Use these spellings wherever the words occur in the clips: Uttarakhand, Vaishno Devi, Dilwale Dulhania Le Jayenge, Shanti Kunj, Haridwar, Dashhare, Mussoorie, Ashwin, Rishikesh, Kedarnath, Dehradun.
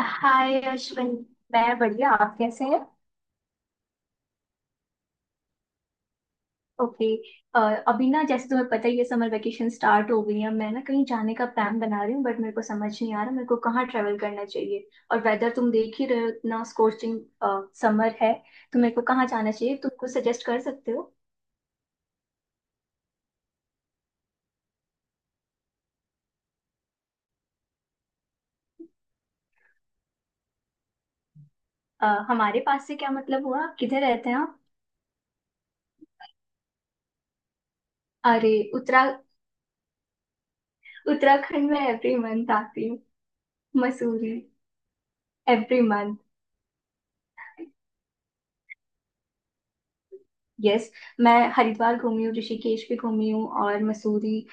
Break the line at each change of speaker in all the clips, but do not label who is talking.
हाय अश्विन। मैं बढ़िया, आप कैसे हैं? ओके। अ, अभी ना जैसे तुम्हें पता ही है, समर वेकेशन स्टार्ट हो गई है। मैं ना कहीं जाने का प्लान बना रही हूँ बट मेरे को समझ नहीं आ रहा, मेरे को कहाँ ट्रैवल करना चाहिए। और वेदर तुम देख ही रहे हो, इतना स्corching समर है। तो मेरे को कहाँ जाना चाहिए, तुम कुछ सजेस्ट कर सकते हो? हमारे पास से क्या मतलब हुआ, आप किधर रहते हैं आप? अरे उत्तराखंड में एवरी मंथ आती हूँ। मसूरी। Every month. यस, मैं हरिद्वार घूमी हूँ, ऋषिकेश भी घूमी हूँ, और मसूरी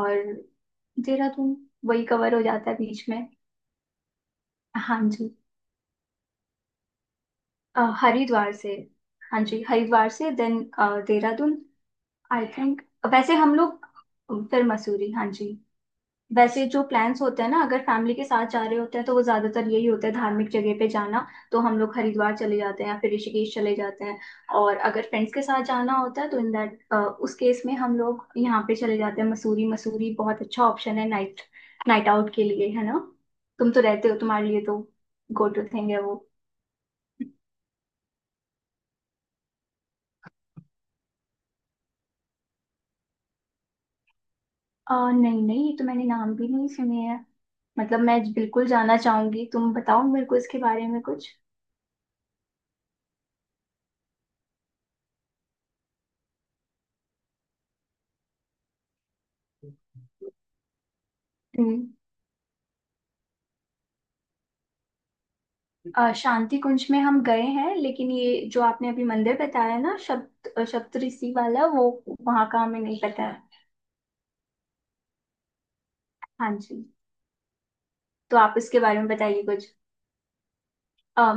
और देहरादून। वही कवर हो जाता है बीच में। हाँ जी। हरिद्वार से। हाँ जी, हरिद्वार से देन देहरादून। आई थिंक वैसे हम लोग, फिर मसूरी, हाँ जी। वैसे जो प्लान्स होते हैं ना, अगर फैमिली के साथ जा रहे होते हैं तो वो ज्यादातर यही होता है, धार्मिक जगह पे जाना। तो हम लोग हरिद्वार चले जाते हैं या फिर ऋषिकेश चले जाते हैं। और अगर फ्रेंड्स के साथ जाना होता है तो इन दैट उस केस में हम लोग यहाँ पे चले जाते हैं, मसूरी। मसूरी बहुत अच्छा ऑप्शन है नाइट नाइट आउट के लिए, है ना। तुम तो रहते हो, तुम्हारे लिए तो गो टू थिंग है वो। नहीं नहीं, ये तो मैंने नाम भी नहीं सुने हैं। मतलब मैं बिल्कुल जाना चाहूंगी, तुम बताओ मेरे को इसके बारे में कुछ। हम्म। शांति कुंज में हम गए हैं, लेकिन ये जो आपने अभी मंदिर बताया ना, शब्द शब्द ऋषि वाला वो, वहां का हमें नहीं पता है। हाँ जी। तो आप उसके बारे में बताइए कुछ। अम।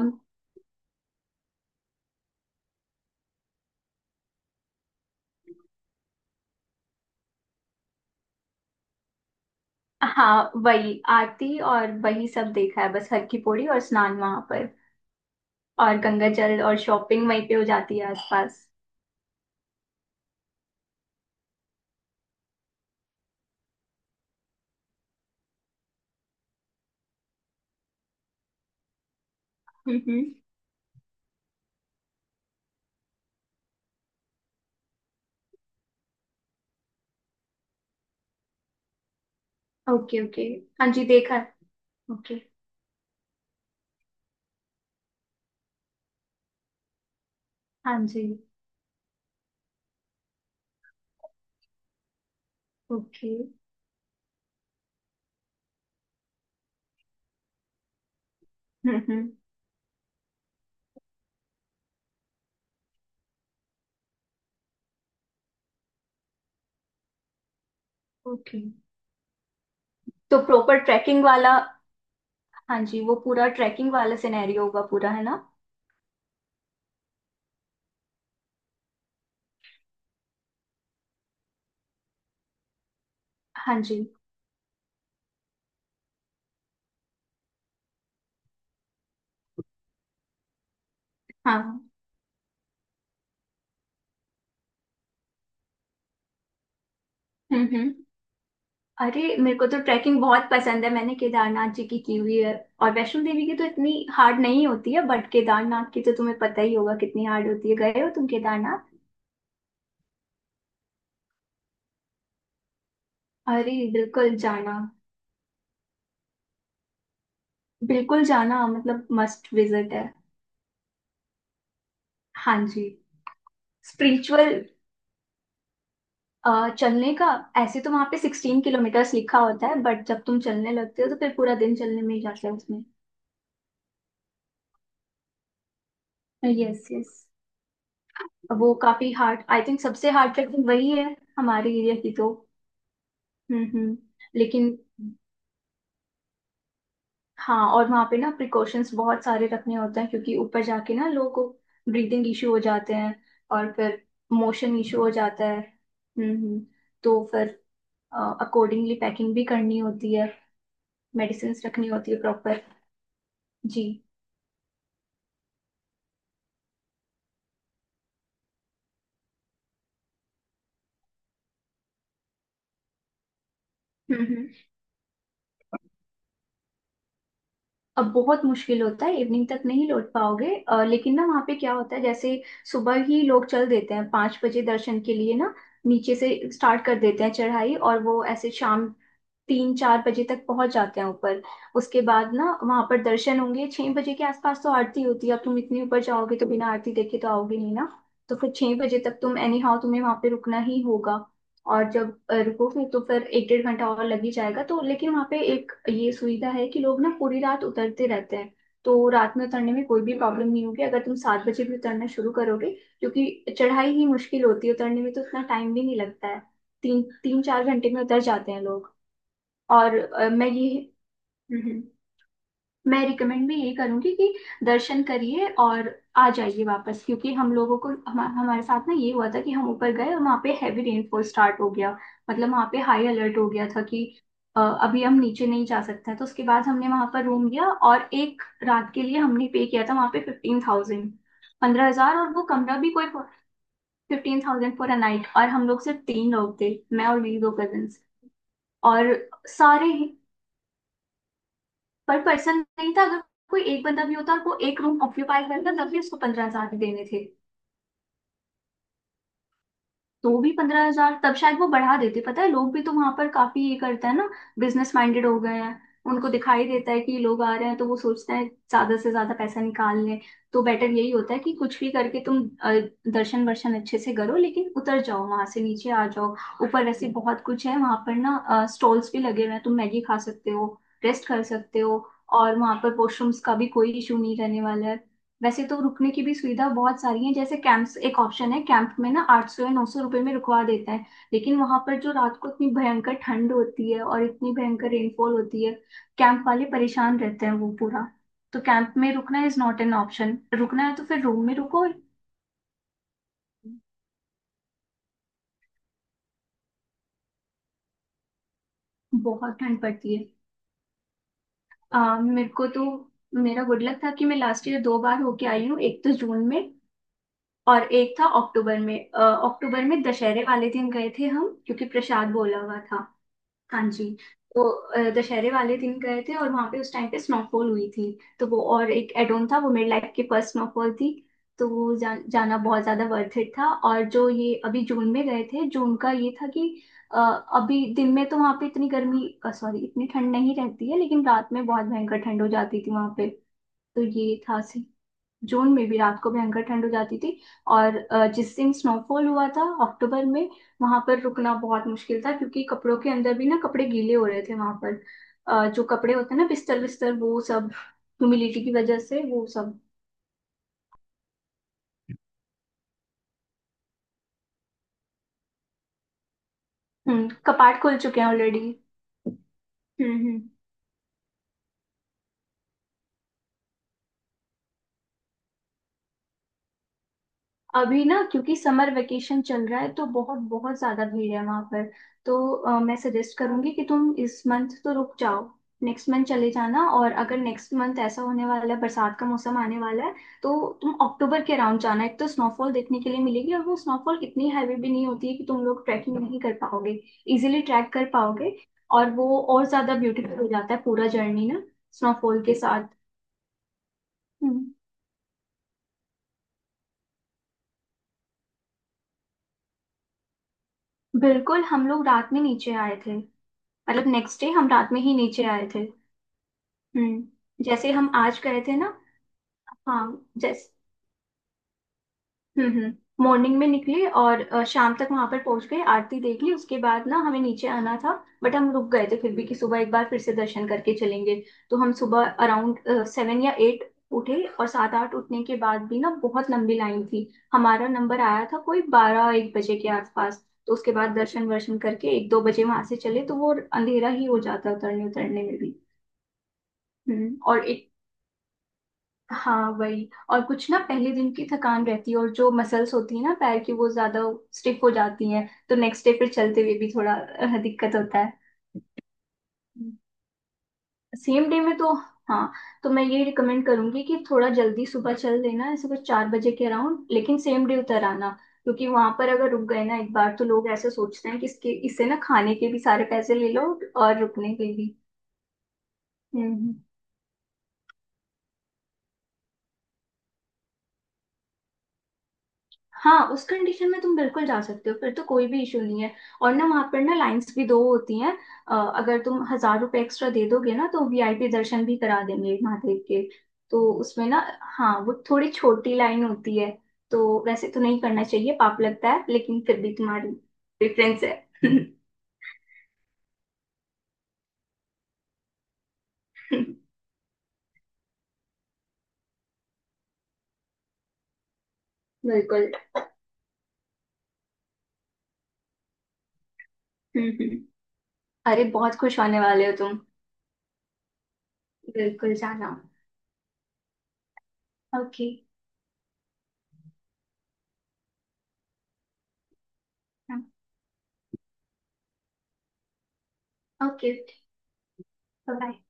हाँ वही आरती और वही सब देखा है, बस हर की पौड़ी और स्नान वहां पर, और गंगा जल और शॉपिंग वहीं पे हो जाती है आसपास। हम्म। Okay okay. हाँ जी देखा है। ओके। हाँ जी। ओके। हम्म। ओके। तो प्रॉपर ट्रैकिंग वाला? हाँ जी, वो पूरा ट्रैकिंग वाला सिनेरियो होगा पूरा, है ना। हाँ जी। हाँ। हम्म। अरे मेरे को तो ट्रैकिंग बहुत पसंद है, मैंने केदारनाथ जी की हुई है। और वैष्णो देवी की तो इतनी हार्ड नहीं होती है, बट केदारनाथ की तो तुम्हें पता ही होगा कितनी हार्ड होती है। गए हो तुम केदारनाथ? अरे बिल्कुल जाना, बिल्कुल जाना, मतलब मस्ट विजिट है। हाँ जी। स्पिरिचुअल। चलने का। ऐसे तो वहां पे 16 किलोमीटर्स लिखा होता है, बट जब तुम चलने लगते हो तो फिर पूरा दिन चलने में ही जाता है उसमें। Yes yes. वो काफी हार्ड, आई थिंक सबसे हार्ड ट्रैकिंग वही है हमारे एरिया की तो। हम्म। लेकिन हाँ, और वहाँ पे ना प्रिकॉशंस बहुत सारे रखने होते हैं क्योंकि ऊपर जाके ना लोगों को ब्रीदिंग इशू हो जाते हैं, और फिर मोशन इशू हो जाता है। हम्म। तो फिर अकॉर्डिंगली पैकिंग भी करनी होती है, मेडिसिन्स रखनी होती है प्रॉपर। जी। हम्म हम्म। अब बहुत मुश्किल होता है, इवनिंग तक नहीं लौट पाओगे। लेकिन ना वहाँ पे क्या होता है जैसे, सुबह ही लोग चल देते हैं 5 बजे दर्शन के लिए ना। नीचे से स्टार्ट कर देते हैं चढ़ाई और वो ऐसे शाम 3-4 बजे तक पहुंच जाते हैं ऊपर। उसके बाद ना वहां पर दर्शन होंगे 6 बजे के आसपास, तो आरती होती है। अब तुम इतने ऊपर जाओगे तो बिना आरती देखे तो आओगे नहीं ना, तो फिर 6 बजे तक तुम, एनी हाउ तुम्हें वहां पे रुकना ही होगा। और जब रुकोगे तो फिर एक डेढ़ घंटा और लग ही जाएगा तो। लेकिन वहाँ पे एक ये सुविधा है कि लोग ना पूरी रात उतरते रहते हैं, तो रात में उतरने में कोई भी प्रॉब्लम नहीं होगी अगर तुम 7 बजे भी उतरना शुरू करोगे। क्योंकि चढ़ाई ही मुश्किल होती है, उतरने में तो उतना टाइम भी नहीं लगता है। तीन तीन चार घंटे में उतर जाते हैं लोग। और हम्म, हम्म। मैं रिकमेंड भी यही करूंगी कि दर्शन करिए और आ जाइए वापस, क्योंकि हम लोगों को हमारे साथ ना ये हुआ था कि हम ऊपर गए और वहाँ पे हैवी रेनफॉल स्टार्ट हो गया। मतलब वहाँ पे हाई अलर्ट हो गया था कि अभी हम नीचे नहीं जा सकते हैं। तो उसके बाद हमने वहाँ पर रूम लिया, और एक रात के लिए हमने पे किया था वहाँ पे 15,000, 15,000, और वो कमरा भी कोई, 15,000 फॉर अ नाइट, और हम लोग सिर्फ तीन लोग थे, मैं और मेरी दो कजन्स। और सारे, पर पर्सन नहीं था। अगर कोई एक बंदा भी होता और वो एक रूम ऑक्यूपाई करता तब भी उसको 15,000 देने थे। तो भी 15,000, तब शायद वो बढ़ा देते। पता है, लोग भी तो वहां पर काफी ये करते हैं ना, बिजनेस माइंडेड हो गए हैं। उनको दिखाई देता है कि लोग आ रहे हैं तो वो सोचते हैं ज्यादा से ज्यादा पैसा निकाल लें। तो बेटर यही होता है कि कुछ भी करके तुम दर्शन वर्शन अच्छे से करो, लेकिन उतर जाओ, वहां से नीचे आ जाओ। ऊपर वैसे बहुत कुछ है वहां पर ना, स्टॉल्स भी लगे हुए हैं, तुम मैगी खा सकते हो, रेस्ट कर सकते हो, और वहां पर वॉशरूम्स का भी कोई इशू नहीं रहने वाला है। वैसे तो रुकने की भी सुविधा बहुत सारी है, जैसे कैंप्स एक ऑप्शन है। कैंप में ना 800 या 900 रुपये में रुकवा देता है, लेकिन वहां पर जो रात को इतनी भयंकर ठंड होती है और इतनी भयंकर रेनफॉल होती है, कैंप वाले परेशान रहते हैं वो पूरा। तो कैंप में रुकना इज नॉट एन ऑप्शन, रुकना है तो फिर रूम में रुको। बहुत ठंड पड़ती है। आ, मेरे को तो मेरा गुड लक था कि मैं लास्ट ईयर दो बार होके आई हूँ, एक तो जून में और एक था अक्टूबर में। अक्टूबर में दशहरे वाले दिन गए थे हम क्योंकि प्रसाद बोला हुआ था। हाँ जी। तो दशहरे वाले दिन गए थे और वहां पे उस टाइम पे स्नोफॉल हुई थी। तो वो और एक एडोन था, वो मेरी लाइफ की फर्स्ट स्नोफॉल थी। तो जाना बहुत ज्यादा वर्थ इट था। और जो ये अभी जून में गए थे, जून का ये था कि अ, अभी दिन में तो वहां पे इतनी गर्मी, सॉरी इतनी ठंड नहीं रहती है, लेकिन रात में बहुत भयंकर ठंड हो जाती थी वहां पे। तो ये था, जून में भी रात को भयंकर ठंड हो जाती थी। और जिस दिन स्नोफॉल हुआ था अक्टूबर में, वहां पर रुकना बहुत मुश्किल था क्योंकि कपड़ों के अंदर भी ना कपड़े गीले हो रहे थे वहां पर। जो कपड़े होते हैं ना, बिस्तर बिस्तर वो सब ह्यूमिडिटी की वजह से वो सब, कपाट खुल चुके हैं ऑलरेडी। हम्म। अभी ना क्योंकि समर वेकेशन चल रहा है तो बहुत बहुत ज्यादा भीड़ है वहां पर। तो मैं सजेस्ट करूंगी कि तुम इस मंथ तो रुक जाओ, नेक्स्ट मंथ चले जाना। और अगर नेक्स्ट मंथ ऐसा होने वाला है, बरसात का मौसम आने वाला है तो तुम अक्टूबर के अराउंड जाना, एक तो स्नोफॉल देखने के लिए मिलेगी और वो स्नोफॉल इतनी हैवी भी नहीं होती है कि तुम लोग ट्रैकिंग नहीं कर पाओगे, इजिली ट्रैक कर पाओगे। और वो और ज्यादा ब्यूटीफुल हो जाता है पूरा जर्नी ना, स्नोफॉल के साथ। हम्म, बिल्कुल, हम लोग रात में नीचे आए थे। मतलब नेक्स्ट डे हम रात में ही नीचे आए थे। हम्म, जैसे हम आज गए थे ना। हाँ, जैसे, मॉर्निंग में निकले और शाम तक वहां पर पहुंच गए, आरती देख ली, उसके बाद ना हमें नीचे आना था। बट हम रुक गए थे फिर भी कि सुबह एक बार फिर से दर्शन करके चलेंगे। तो हम सुबह अराउंड सेवन या एट उठे, और सात आठ उठने के बाद भी ना बहुत लंबी लाइन थी। हमारा नंबर आया था कोई बारह एक बजे के आसपास, तो उसके बाद दर्शन वर्शन करके एक दो बजे वहां से चले, तो वो अंधेरा ही हो जाता उतरने उतरने में भी। और एक, हाँ वही, और कुछ ना पहले दिन की थकान रहती है, और जो मसल्स होती है ना पैर की वो ज्यादा स्टिफ हो जाती हैं, तो नेक्स्ट डे फिर चलते हुए भी थोड़ा दिक्कत होता है। सेम डे में तो हाँ। तो मैं ये रिकमेंड करूंगी कि थोड़ा जल्दी सुबह चल देना, ऐसे कुछ 4 बजे के अराउंड, लेकिन सेम डे उतर आना। क्योंकि वहां पर अगर रुक गए ना एक बार तो लोग ऐसे सोचते हैं कि इसके इससे ना खाने के भी सारे पैसे ले लो और रुकने के भी। हम्म हम्म। हाँ उस कंडीशन में तुम बिल्कुल जा सकते हो, फिर तो कोई भी इशू नहीं है। और ना वहाँ पर ना लाइंस भी दो होती हैं। अगर तुम 1,000 रुपये एक्स्ट्रा दे दोगे ना तो वीआईपी दर्शन भी करा देंगे महादेव के। तो उसमें ना, हाँ, वो थोड़ी छोटी लाइन होती है। तो वैसे तो नहीं करना चाहिए, पाप लगता है, लेकिन फिर भी तुम्हारी प्रेफरेंस है। बिल्कुल। हम्म हम्म। अरे बहुत खुश होने वाले हो तुम। बिल्कुल जाना। ओके। Okay bye.